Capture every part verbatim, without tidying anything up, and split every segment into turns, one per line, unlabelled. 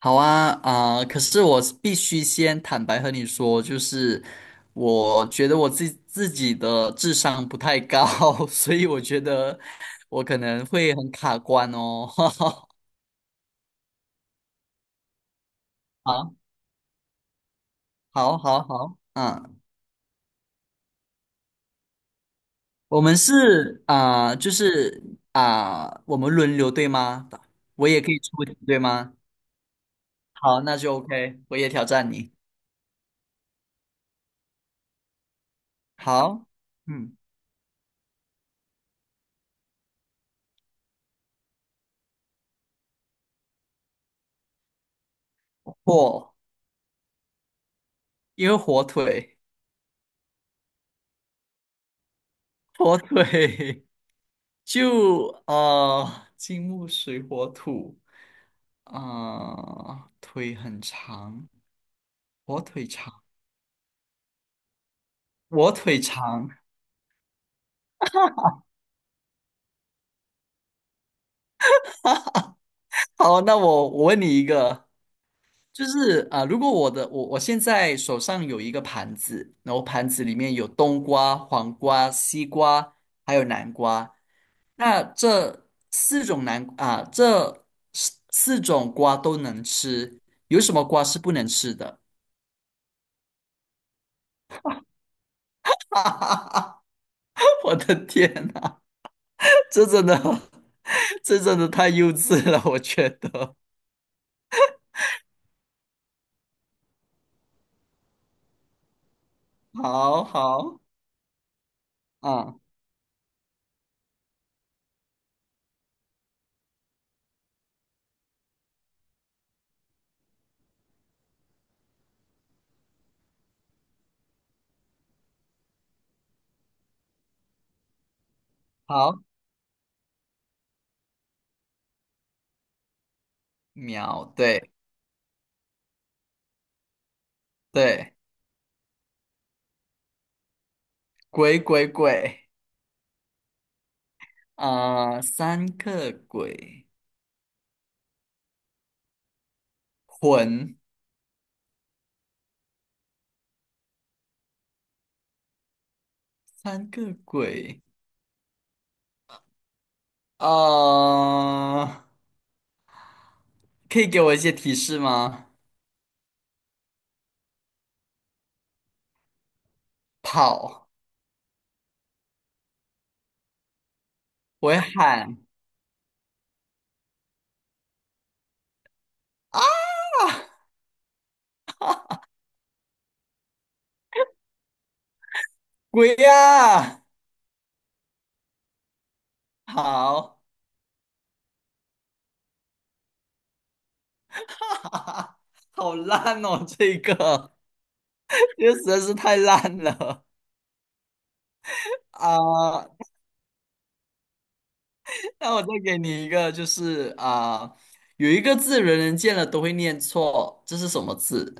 好啊，啊、可是我必须先坦白和你说，就是我觉得我自自己的智商不太高。所以我觉得我可能会很卡关哦。好，好，好，好，嗯，我们是啊、就是啊、我们轮流对吗？我也可以出题对吗？好，那就 OK，我也挑战你。好，嗯，火，因为火腿，火腿。就呃，金木水火土，啊，腿很长，我腿长，我腿长。好，那我我问你一个，就是啊、如果我的我我现在手上有一个盘子，然后盘子里面有冬瓜、黄瓜、西瓜，还有南瓜，那这四种南啊、这四四种瓜都能吃，有什么瓜是不能吃的？我的天呐！这真的，这真的太幼稚了，我觉得。好好，嗯，好，秒，对对，鬼鬼鬼，啊、三个鬼，魂，三个鬼，呃，可以给我一些提示吗？跑，我会喊啊，鬼呀、好，好烂哦，这个，这个实在是太烂了。啊、呃 那我再给你一个，就是啊、有一个字人人见了都会念错，这是什么字？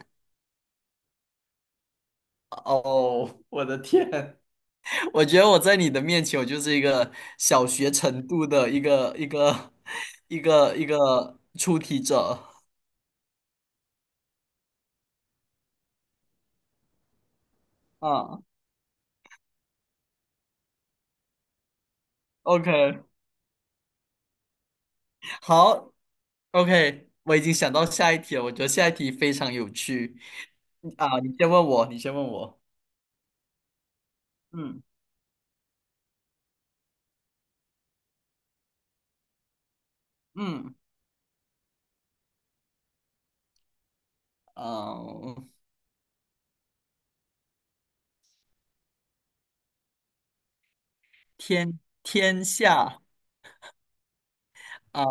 哦，我的天，我觉得我在你的面前，我就是一个小学程度的一个一个 一个一个出题者啊。OK，好，OK，我已经想到下一题了，我觉得下一题非常有趣啊。你先问我，你先问我。嗯嗯啊，天天下。啊。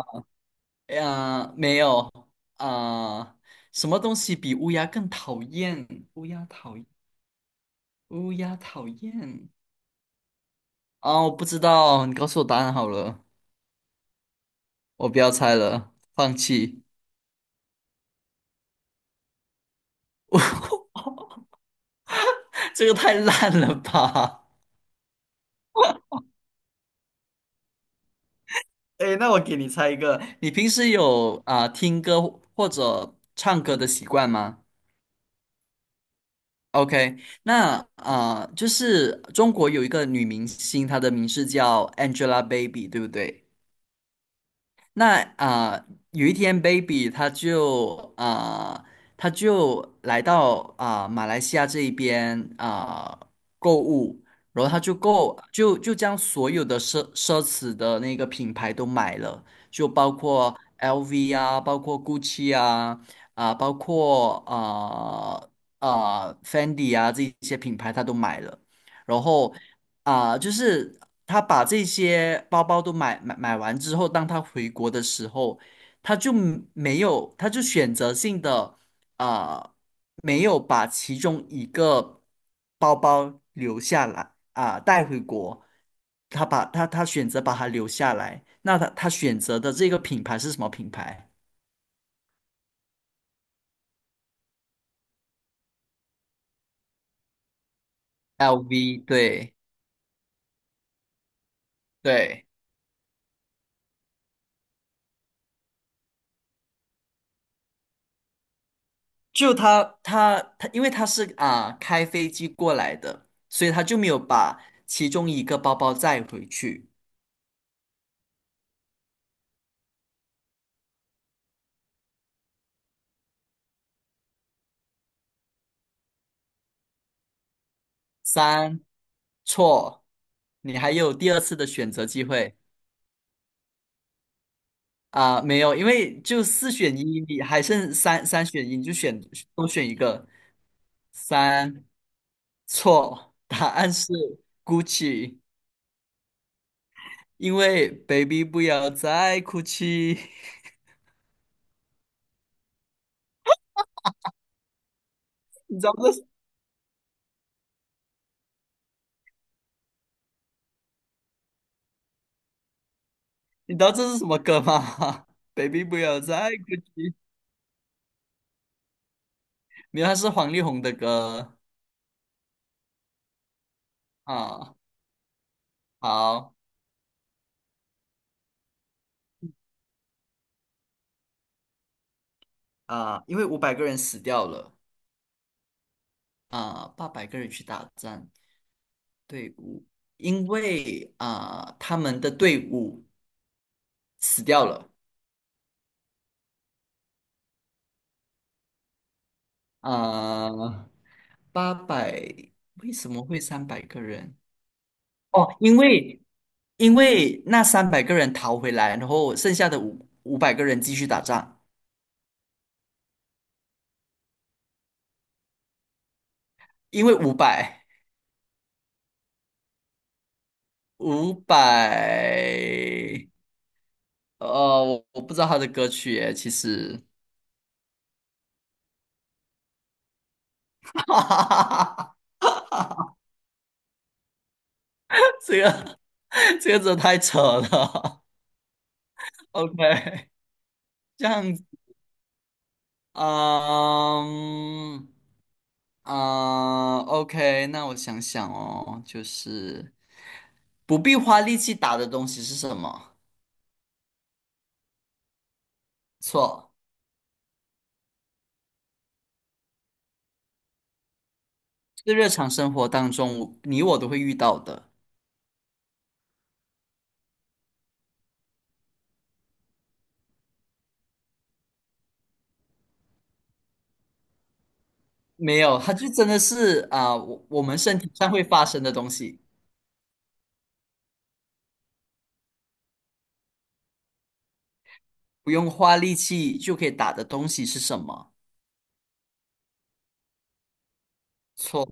呀、没有啊、什么东西比乌鸦更讨厌？乌鸦讨厌，乌鸦讨厌啊、我不知道，你告诉我答案好了，我不要猜了，放弃。这个太烂了吧。 哎，那我给你猜一个，你平时有啊、听歌或者唱歌的习惯吗？OK，那啊、就是中国有一个女明星，她的名字叫 Angelababy，对不对？那啊、呃有一天，baby 他就啊、呃他就来到啊、呃马来西亚这一边啊、呃购物，然后他就购就就将所有的奢奢侈的那个品牌都买了，就包括 L V 啊，包括 GUCCI 啊，啊、包括啊啊、呃呃 Fendi 啊这一些品牌他都买了，然后啊、就是他把这些包包都买买买完之后，当他回国的时候，他就没有，他就选择性的啊、没有把其中一个包包留下来啊、带回国，他把他他选择把它留下来。那他他选择的这个品牌是什么品牌？L V，对对。就他他他，因为他是啊、开飞机过来的，所以他就没有把其中一个包包载回去。三，错，你还有第二次的选择机会。啊、没有，因为就四选一，你还剩三三选一，你就选多选一个。三，错，答案是 Gucci，因为 Baby 不要再哭泣。你知道这你知道这是什么歌吗？ ？Baby 不要再哭泣。没有，他是黄丽宏的歌啊。好啊，因为五百个人死掉了啊，八百个人去打仗队伍，因为啊他们的队伍死掉了啊，八百，为什么会三百个人？哦，因为因为那三百个人逃回来，然后剩下的五五百个人继续打仗，因为五百五百呃，我我不知道他的歌曲耶，其实。哈哈哈哈，这个 这个真的太扯了。OK，这样，嗯啊 o k 那我想想哦，就是不必花力气打的东西是什么？错，是日常生活当中你我都会遇到的。没有，它就真的是啊，我我们身体上会发生的东西，不用花力气就可以打的东西是什么？错。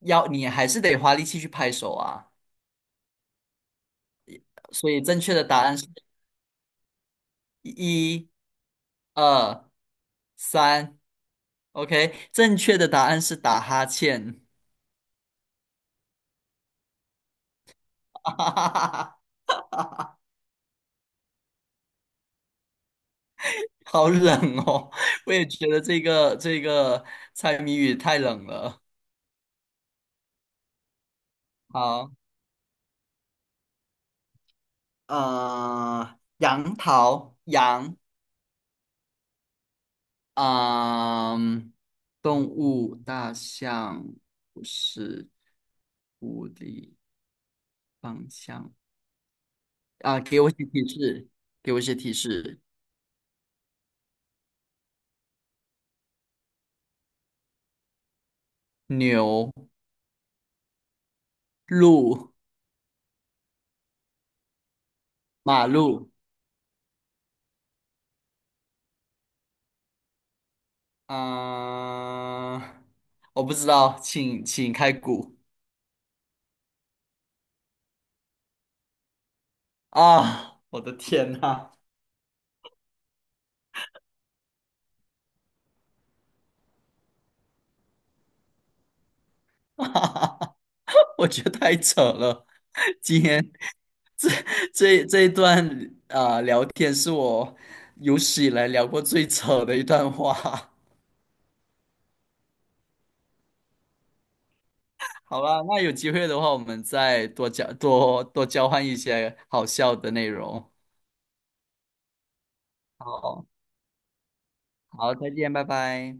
要你还是得花力气去拍手啊。所以正确的答案是一、二、三。OK，正确的答案是打哈欠。哈哈哈哈，好冷哦！我也觉得这个这个猜谜语太冷了。好，呃，杨桃，杨啊，动物，大象不是狐狸，方向啊，给我一些提示，给我一些提示。牛、路、马路，啊、我不知道，请请开估。啊！我的天呐，我觉得太扯了。今天这这这一段啊、聊天是我有史以来聊过最扯的一段话。好吧，那有机会的话，我们再多交多多交换一些好笑的内容。好，好，再见，拜拜。